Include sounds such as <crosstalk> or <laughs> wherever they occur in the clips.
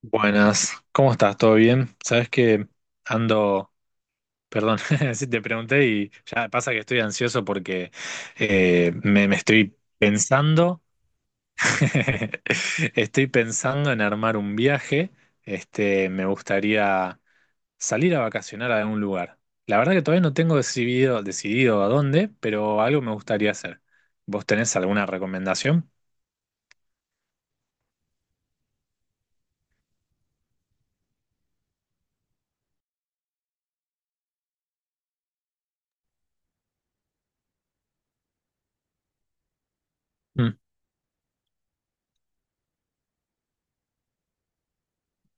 Buenas, ¿cómo estás? ¿Todo bien? Sabes que ando, perdón, <laughs> si te pregunté y ya pasa que estoy ansioso porque me estoy pensando, <laughs> estoy pensando en armar un viaje, me gustaría salir a vacacionar a algún lugar. La verdad que todavía no tengo decidido a dónde, pero algo me gustaría hacer. ¿Vos tenés alguna recomendación? Mm,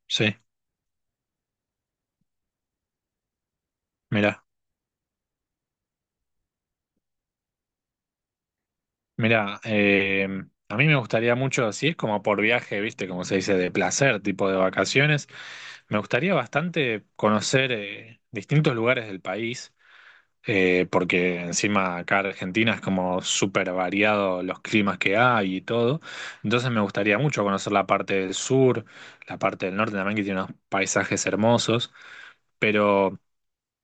sí, mirá. Mira, a mí me gustaría mucho, así es como por viaje, viste, como se dice, de placer, tipo de vacaciones. Me gustaría bastante conocer distintos lugares del país, porque encima acá en Argentina es como súper variado los climas que hay y todo. Entonces me gustaría mucho conocer la parte del sur, la parte del norte también, que tiene unos paisajes hermosos. Pero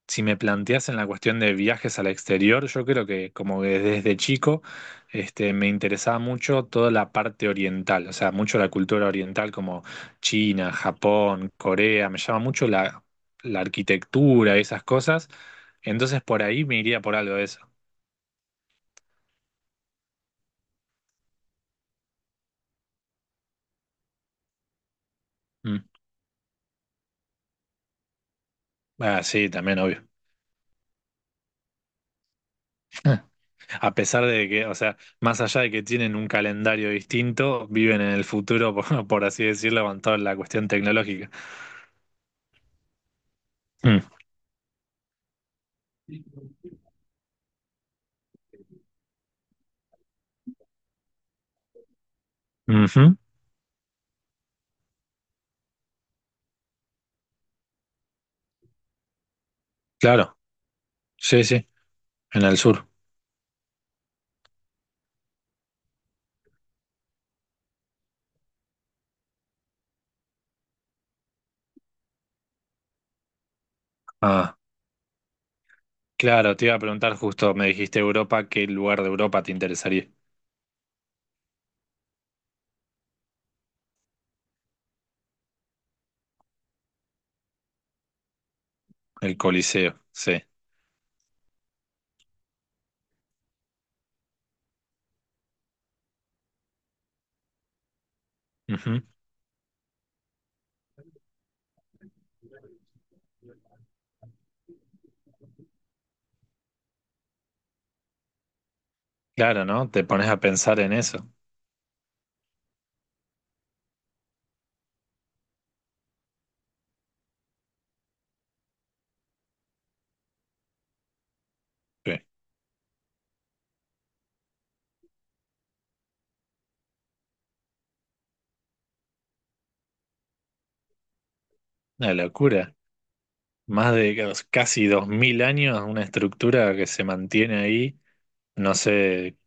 si me planteas en la cuestión de viajes al exterior, yo creo que como que desde chico me interesaba mucho toda la parte oriental, o sea, mucho la cultura oriental como China, Japón, Corea, me llama mucho la arquitectura, esas cosas. Entonces por ahí me iría por algo de eso. Mm. Ah, sí, también, obvio. <laughs> A pesar de que, o sea, más allá de que tienen un calendario distinto, viven en el futuro, <laughs> por así decirlo, con toda la cuestión tecnológica. Mm. Ujú. Claro. Sí, sí, en el sur. Ah, claro, te iba a preguntar justo, me dijiste Europa, ¿qué lugar de Europa te interesaría? El Coliseo, sí. Ujú. Claro, ¿no? Te pones a pensar en eso. Sí. Una locura. Más de casi 2000 años, una estructura que se mantiene ahí, no sé,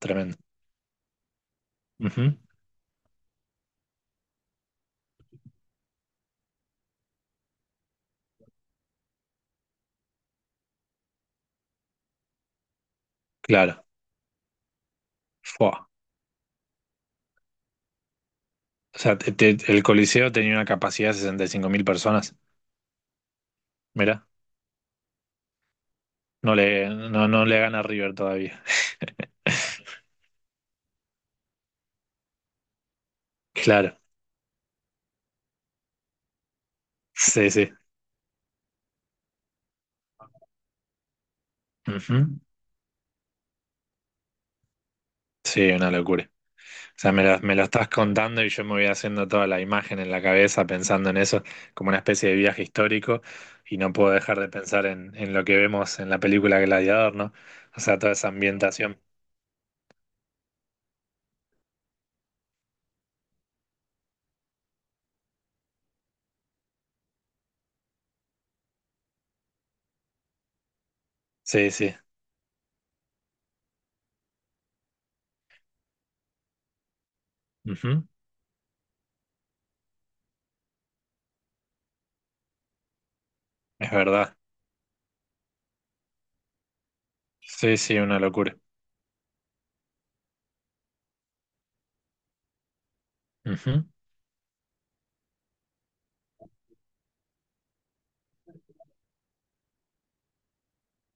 tremendo. Ujú. Claro. Fua. O sea, el Coliseo tenía una capacidad de 65.000 personas. Mira, no le gana a River todavía. <laughs> Claro, sí, sí. Ujú. Sí, una locura. O sea, me lo estás contando y yo me voy haciendo toda la imagen en la cabeza pensando en eso como una especie de viaje histórico y no puedo dejar de pensar en lo que vemos en la película Gladiador, ¿no? O sea, toda esa ambientación. Sí, sí. Ujú. Es verdad. Sí, sí, una locura. Ujú.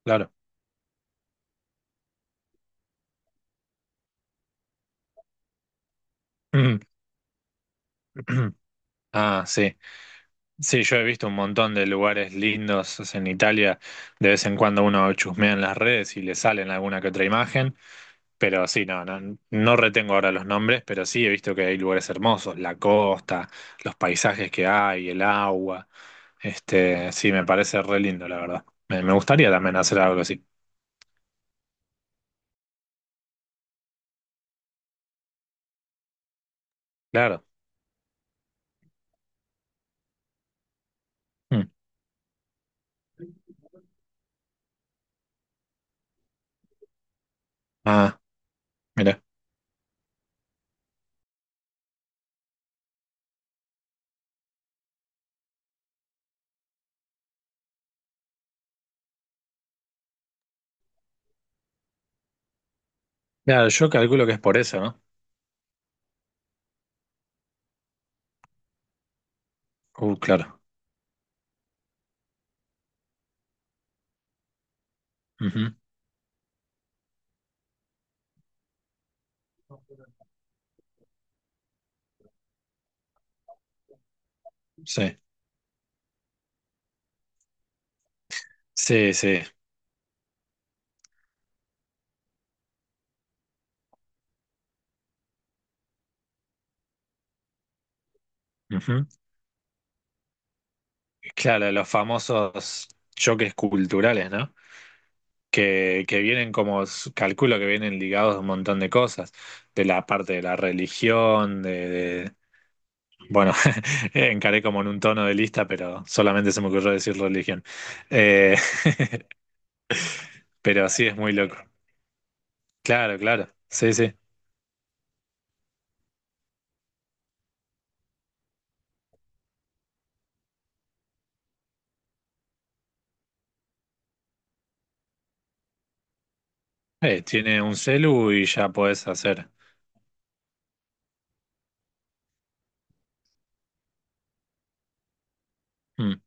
Claro. <clears throat> Ah, sí. Sí, yo he visto un montón de lugares lindos o sea, en Italia. De vez en cuando uno chusmea en las redes y le salen alguna que otra imagen. Pero sí, no, no, no retengo ahora los nombres, pero sí he visto que hay lugares hermosos, la costa, los paisajes que hay, el agua. Este, sí, me parece re lindo, la verdad. Me gustaría también hacer algo así. Claro. Mm. Ah, mira. Claro, yo calculo que es por eso, ¿no? Claro. Ujú. Sí. Sí, sí. Ujú. Claro, los famosos choques culturales, ¿no? Que vienen como, s- calculo que vienen ligados a un montón de cosas, de la parte de la religión, bueno, <laughs> encaré como en un tono de lista, pero solamente se me ocurrió decir religión. Eh, <laughs> pero sí es muy loco. Claro, claro, sí, sí. Tiene un celu y ya podés hacer. Mm,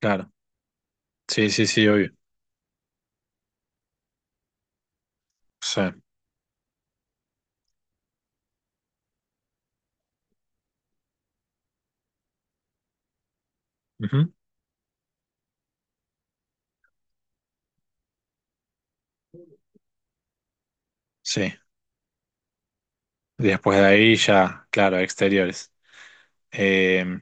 claro, sí, sí, sí, obvio. Sí. Ujú, sí. Después de ahí ya, claro, exteriores. Eh,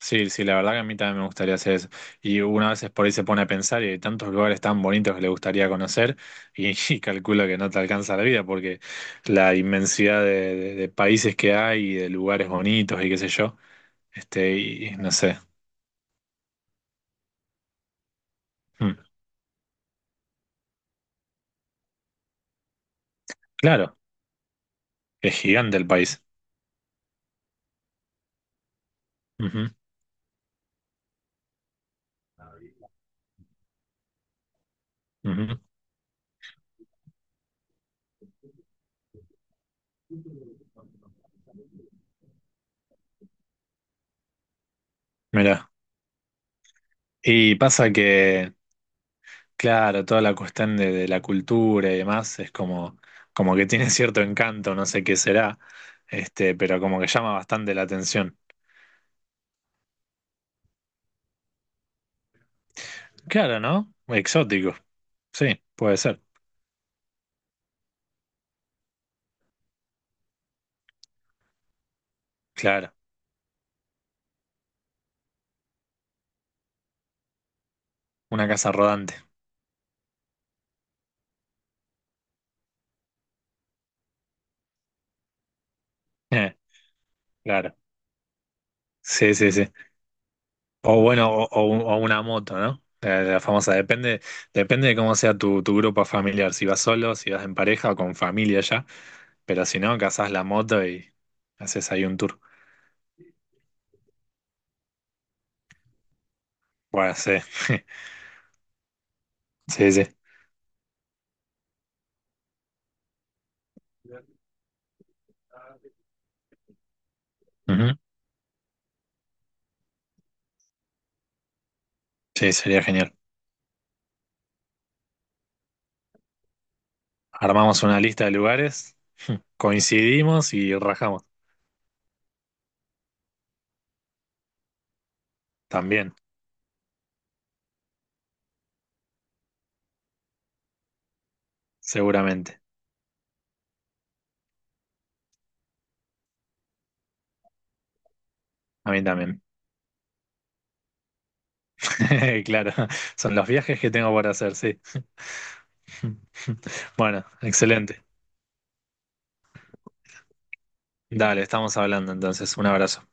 sí, sí, la verdad que a mí también me gustaría hacer eso. Y una vez por ahí se pone a pensar y hay tantos lugares tan bonitos que le gustaría conocer <laughs> y calculo que no te alcanza la vida porque la inmensidad de países que hay y de lugares bonitos y qué sé yo, y no sé. Mm, claro, es gigante el país. Ujú, ujú. Mirá. Y pasa que... Claro, toda la cuestión de la cultura y demás es como, como que tiene <laughs> cierto encanto, no sé qué será, pero como que llama bastante la atención. Claro, ¿no? Exótico, sí, puede ser, claro, una casa rodante, <laughs> Eh, claro, sí, sí, sí. O bueno, o o una moto, ¿no? La famosa, depende, depende de cómo sea tu grupo familiar, si vas solo, si vas en pareja o con familia ya, pero si no, cazás la moto y haces ahí un tour. Bueno, sí, <laughs> sí, sí. Ujú. Sí, sería genial. Armamos una lista de lugares, coincidimos y rajamos. También, seguramente. A mí también. <laughs> Claro, son los viajes que tengo por hacer, sí. <laughs> Bueno, excelente. Dale, estamos hablando entonces. Un abrazo.